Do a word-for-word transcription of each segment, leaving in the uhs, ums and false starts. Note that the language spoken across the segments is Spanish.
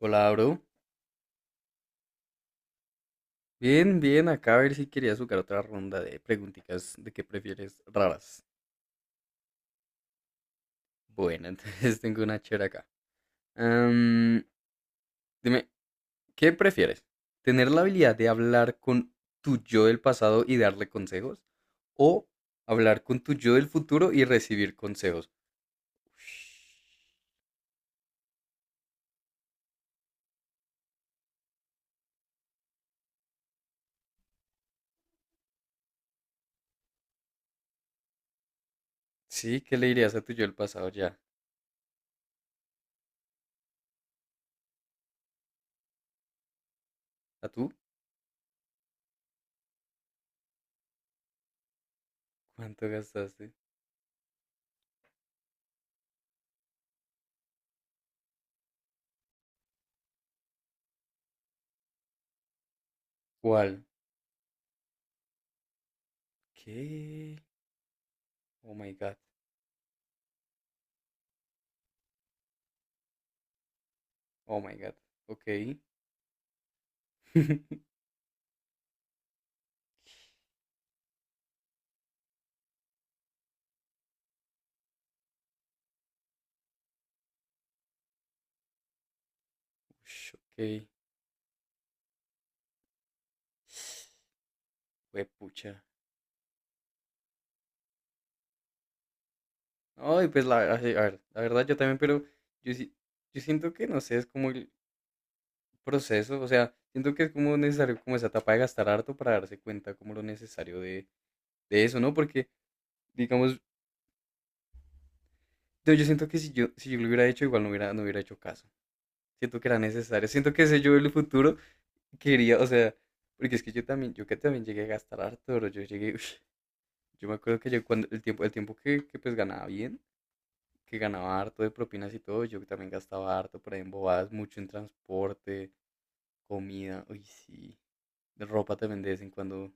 Hola, bro. Bien, bien, acá a ver si quería jugar otra ronda de preguntitas de qué prefieres raras. Bueno, entonces tengo una chévere acá. Am, Dime, ¿qué prefieres? ¿Tener la habilidad de hablar con tu yo del pasado y darle consejos? ¿O hablar con tu yo del futuro y recibir consejos? Sí, ¿qué le dirías a tu yo del pasado ya? ¿A tú? ¿Cuánto gastaste? ¿Cuál? ¿Qué? Oh my god. Oh my god. Ok. Ush, ok. Fue pucha. Ay, pues la, a ver, la verdad yo también, pero yo, sí- yo siento que no sé, es como el proceso, o sea, siento que es como necesario como esa etapa de gastar harto para darse cuenta como lo necesario de, de eso, ¿no? Porque, digamos, yo yo siento que si yo, si yo lo hubiera hecho, igual no hubiera, no hubiera hecho caso. Siento que era necesario. Siento que ese yo del futuro quería, o sea, porque es que yo también, yo que también llegué a gastar harto, bro. Yo llegué, yo me acuerdo que yo cuando el tiempo, el tiempo que, que pues ganaba bien que ganaba harto de propinas y todo, yo también gastaba harto por ahí en bobadas, mucho en transporte, comida, uy, sí. De ropa también de vez en cuando.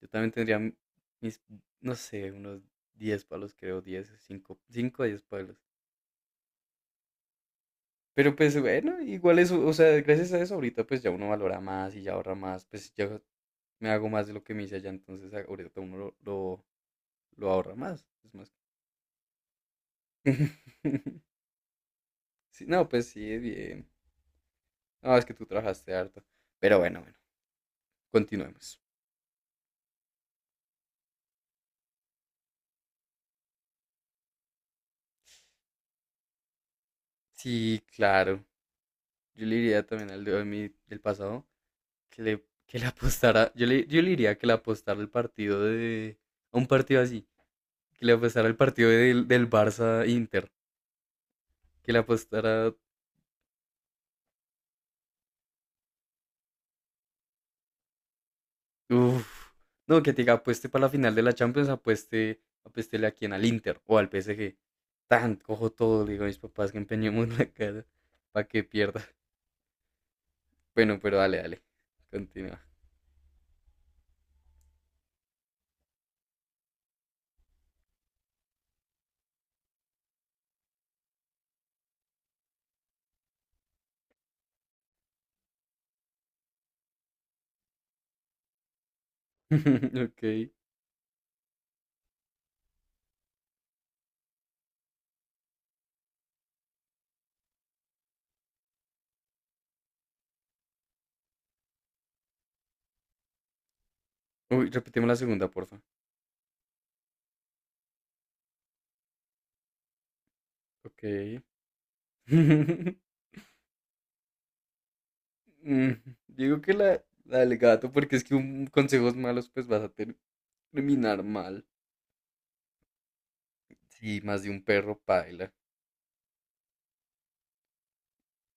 Yo también tendría mi- mis, no sé, unos diez palos, creo, diez cinco cinco a diez palos. Pero pues bueno, igual eso, o sea, gracias a eso ahorita pues ya uno valora más y ya ahorra más, pues yo me hago más de lo que me hice allá, entonces a- ahorita uno lo, lo, lo ahorra más, es más. Sí, no, pues sí, bien. No, es que tú trabajaste harto. Pero bueno, bueno. Continuemos. Sí, claro. Yo le diría también al de mi del pasado que le, que le apostara. Yo le, yo le diría que le apostara el partido de. A un partido así. Que le apostara el partido del, del Barça Inter. Que le apostara. Uff. No, que te diga apueste para la final de la Champions, apueste, apuéstele a quien, al Inter o al P S G. Tan, cojo todo, le digo a mis papás que empeñemos la cara para que pierda. Bueno, pero dale, dale. Continúa. Ok. Uy, repetimos la segunda, porfa. Ok. Mm, Digo que la, la del gato, porque es que un consejos malos, pues vas a ter- terminar mal. Sí, más de un perro paila.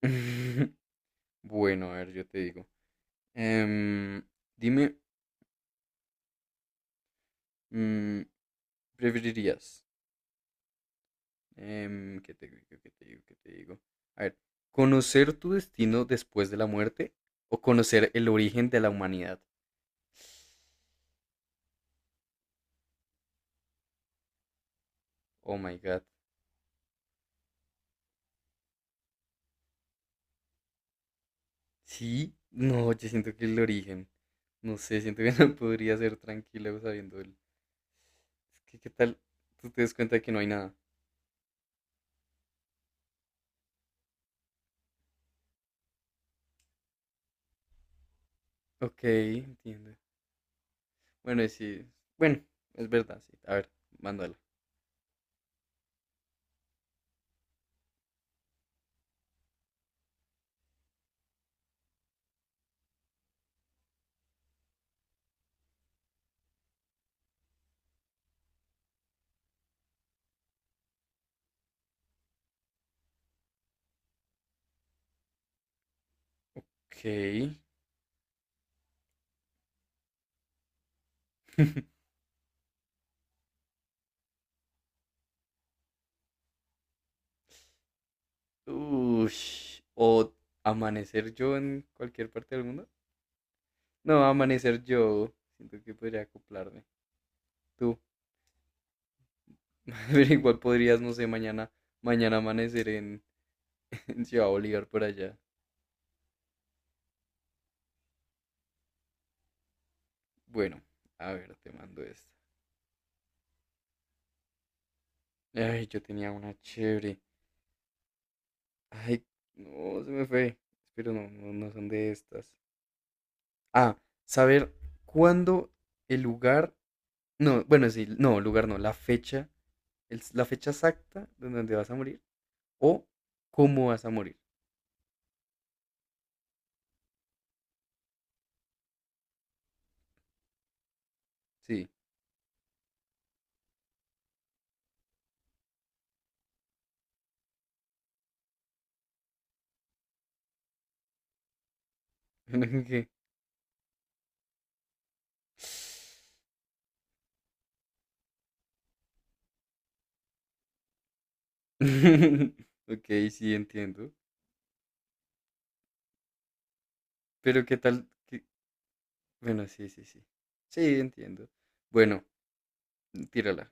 Bueno, a ver, yo te digo. Em, Dime, mm, ¿preferirías? Em, ¿qué te digo? ¿Qué te digo? ¿Qué te digo? A ver, ¿conocer tu destino después de la muerte o conocer el origen de la humanidad? Oh my God. Sí, no, yo siento que el origen, no sé, siento que no podría ser tranquilo sabiendo el. Es que, ¿qué tal? Tú te das cuenta de que no hay nada. Ok, entiendo. Bueno, y sí, bueno, es verdad, sí. A ver, mándala. Ok. Ush, o amanecer yo en cualquier parte del mundo. No, amanecer yo, siento que podría acoplarme. Tú, pero igual podrías, no sé, mañana, mañana amanecer en, en Ciudad Bolívar por allá. Bueno, a ver, te mando esto. Ay, yo tenía una chévere. Ay, no, se me fue. Espero no, no, no son de estas. Ah, saber cuándo el lugar. No, bueno, sí, no, lugar no, la fecha. el- la fecha exacta de donde vas a morir o cómo vas a morir. Sí. Ok. Ok, sí, entiendo. Pero qué tal. que- Bueno, sí, sí, sí. Sí, entiendo. Bueno, tírala.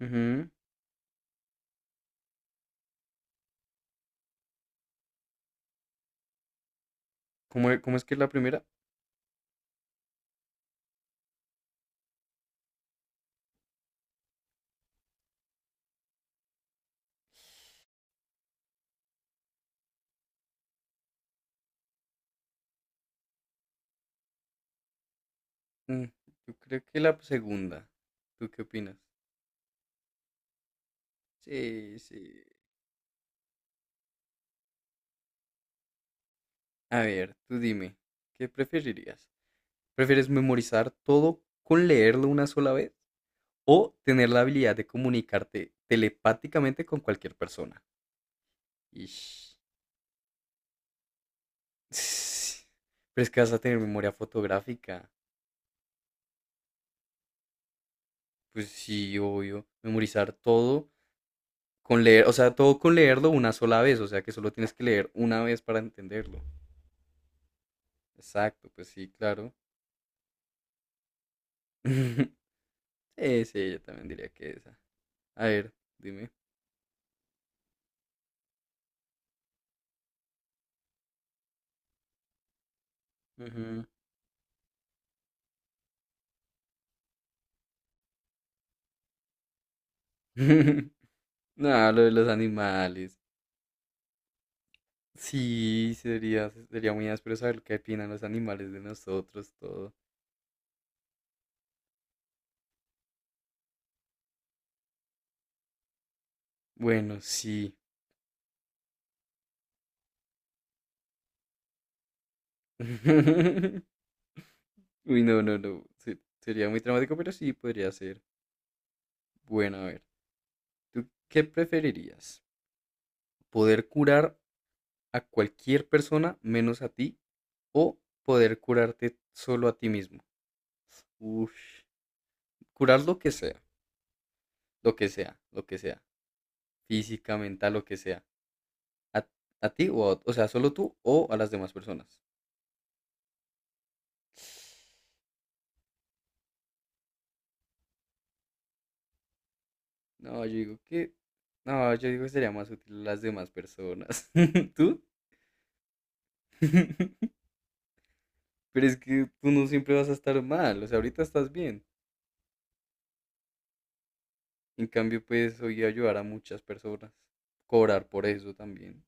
Ujú. ¿Cómo, e- cómo es que es la primera? Mm, yo creo que la segunda. ¿Tú qué opinas? Sí, sí. A ver, tú dime, ¿qué preferirías? ¿Prefieres memorizar todo con leerlo una sola vez o tener la habilidad de comunicarte telepáticamente con cualquier persona? Ish. Ss, Pero es que vas a tener memoria fotográfica. Pues sí, obvio. Memorizar todo con leer, o sea, todo con leerlo una sola vez, o sea, que solo tienes que leer una vez para entenderlo. Exacto, pues sí, claro. Sí, sí, yo también diría que esa. A ver, dime. Ujú. No, lo de los animales. Sí, sería, sería muy áspero saber qué opinan los animales de nosotros, todo. Bueno, sí. Uy, no, no, no. se- Sería muy traumático, pero sí podría ser. Bueno, a ver. ¿Tú qué preferirías? ¿Poder curar a cualquier persona menos a ti o poder curarte solo a ti mismo? Uf, curar lo que sea, lo que sea, lo que sea. Física, mental, lo que sea. ¿A, a ti o a- ot- o sea, ¿solo tú o a las demás personas? No, yo digo que, no, yo digo que sería más útil las demás personas. ¿Tú? Pero es que tú no siempre vas a estar mal, o sea, ahorita estás bien. En cambio, puedes hoy ayudar a muchas personas, cobrar por eso también.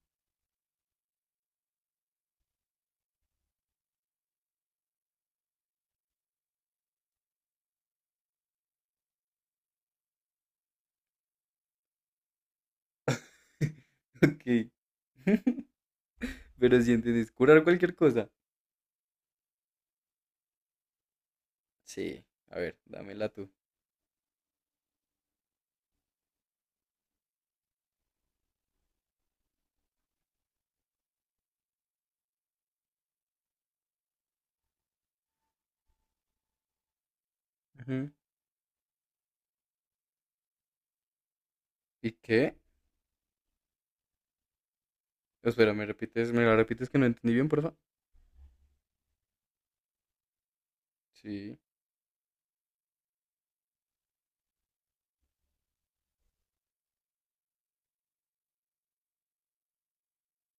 Ok. Pero si entiendes, curar cualquier cosa. Sí, a ver, dámela tú. Ujú. ¿Y qué? Espera, ¿me repites? ¿Me la repites que no entendí bien, por favor? Sí.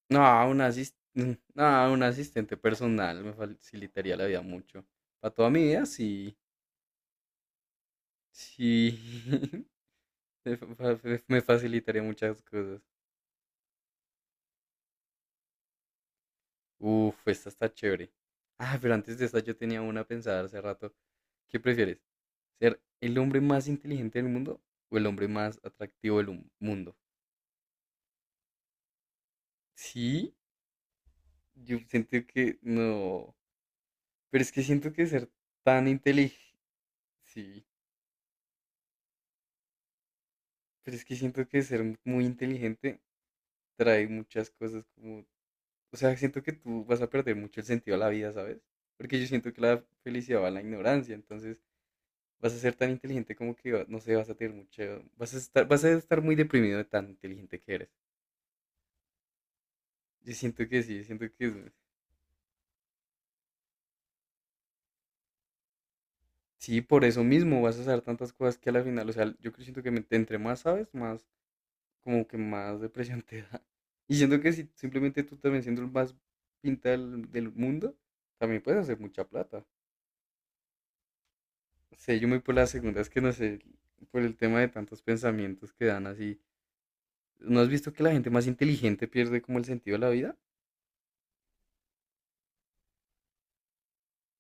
No, a un asist- no, un asistente personal me facilitaría la vida mucho. Para toda mi vida, sí. Sí. Me, fa- fa- me facilitaría muchas cosas. Uf, esta está chévere. Ah, pero antes de esta yo tenía una pensada hace rato. ¿Qué prefieres? ¿Ser el hombre más inteligente del mundo o el hombre más atractivo del hum- mundo? Sí, yo siento que no. Pero es que siento que ser tan inteligente. Sí, pero es que siento que ser muy inteligente trae muchas cosas como, o sea, siento que tú vas a perder mucho el sentido a la vida, ¿sabes? Porque yo siento que la felicidad va a la ignorancia, entonces vas a ser tan inteligente como que, va- no sé, vas a tener mucho, vas a estar, vas a estar muy deprimido de tan inteligente que eres. Yo siento que sí, siento que es- sí, por eso mismo vas a saber tantas cosas que a la final, o sea, yo creo- siento que me- entre más sabes, más, como que más depresión te da. Y siento que si simplemente tú también siendo el más pinta del del mundo, también puedes hacer mucha plata. Sé, yo me voy por la segunda, es que no sé, por el tema de tantos pensamientos que dan así. ¿No has visto que la gente más inteligente pierde como el sentido de la vida?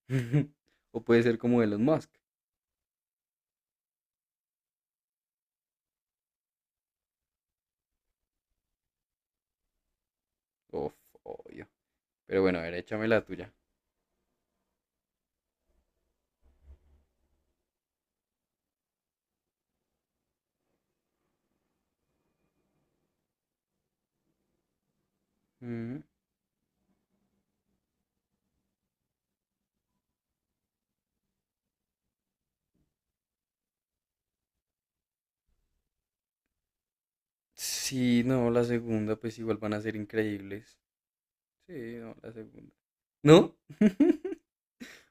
O puede ser como Elon Musk. Uf, obvio. Pero bueno, a ver, échame la tuya. Mm. Sí, no, la segunda, pues igual van a ser increíbles. Sí, no, la segunda. ¿No?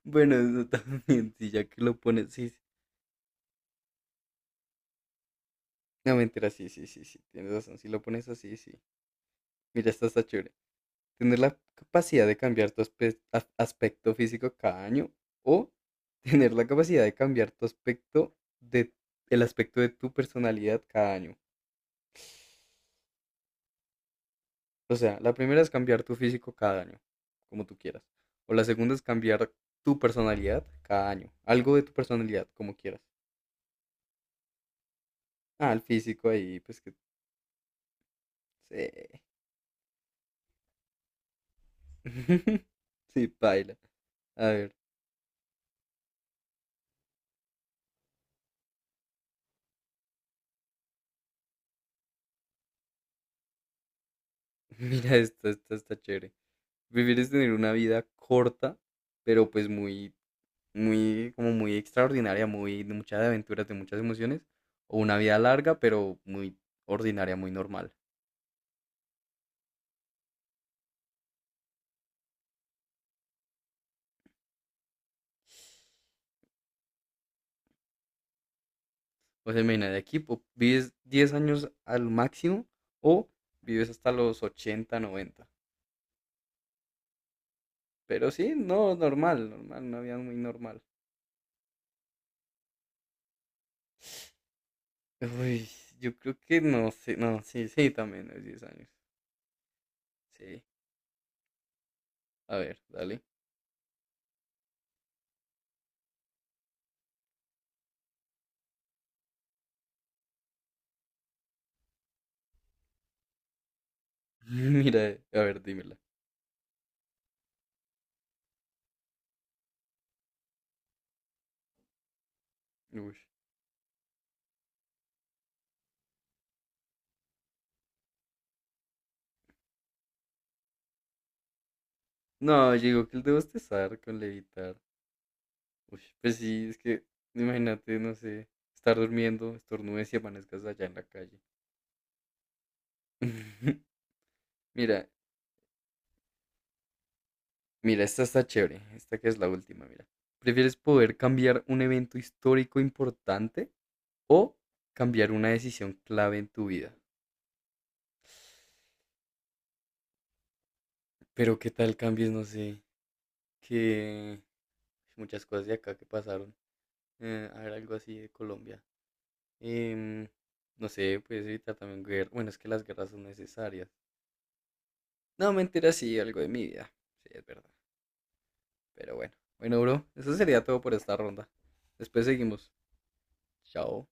Bueno, eso también, sí, ya que lo pones, sí, sí. No, mentira, sí, sí, sí, sí, tienes razón, si lo pones así, sí. Mira, esta está chévere. Tener la capacidad de cambiar tu aspe- as- aspecto físico cada año o tener la capacidad de cambiar tu aspecto de el aspecto de tu personalidad cada año. O sea, la primera es cambiar tu físico cada año, como tú quieras. O la segunda es cambiar tu personalidad cada año. Algo de tu personalidad, como quieras. Ah, el físico ahí, pues que. Sí. Sí, paila. A ver, mira esta esta está chévere. Prefieres tener una vida corta, pero pues muy muy, como muy extraordinaria, muy de muchas aventuras, de muchas emociones, o una vida larga, pero muy ordinaria, muy normal. O sea, imagina, de aquí po- vives diez años al máximo o vives hasta los ochenta noventa. Pero sí, no, normal, normal, una vida muy normal. Uy, yo creo que no sé, no, sí, sí, también es diez años. Sí, a ver, dale. Mira, a ver, dímela. Uy. No, yo digo que el de bostezar con levitar. Uy, pues sí, es que imagínate, no sé, estar durmiendo, estornudes y amanezcas allá en la calle. Mira, mira, esta está chévere, esta que es la última, mira. ¿Prefieres poder cambiar un evento histórico importante o cambiar una decisión clave en tu vida? Pero qué tal cambies, no sé, que muchas cosas de acá que pasaron. Eh, a ver, algo así de Colombia. Em, no sé, puedes evitar también guerra. Bueno, es que las guerras son necesarias. No, mentira, sí, algo de mi vida. Sí, es verdad. Pero bueno. Bueno, bro, eso sería todo por esta ronda. Después seguimos. Chao.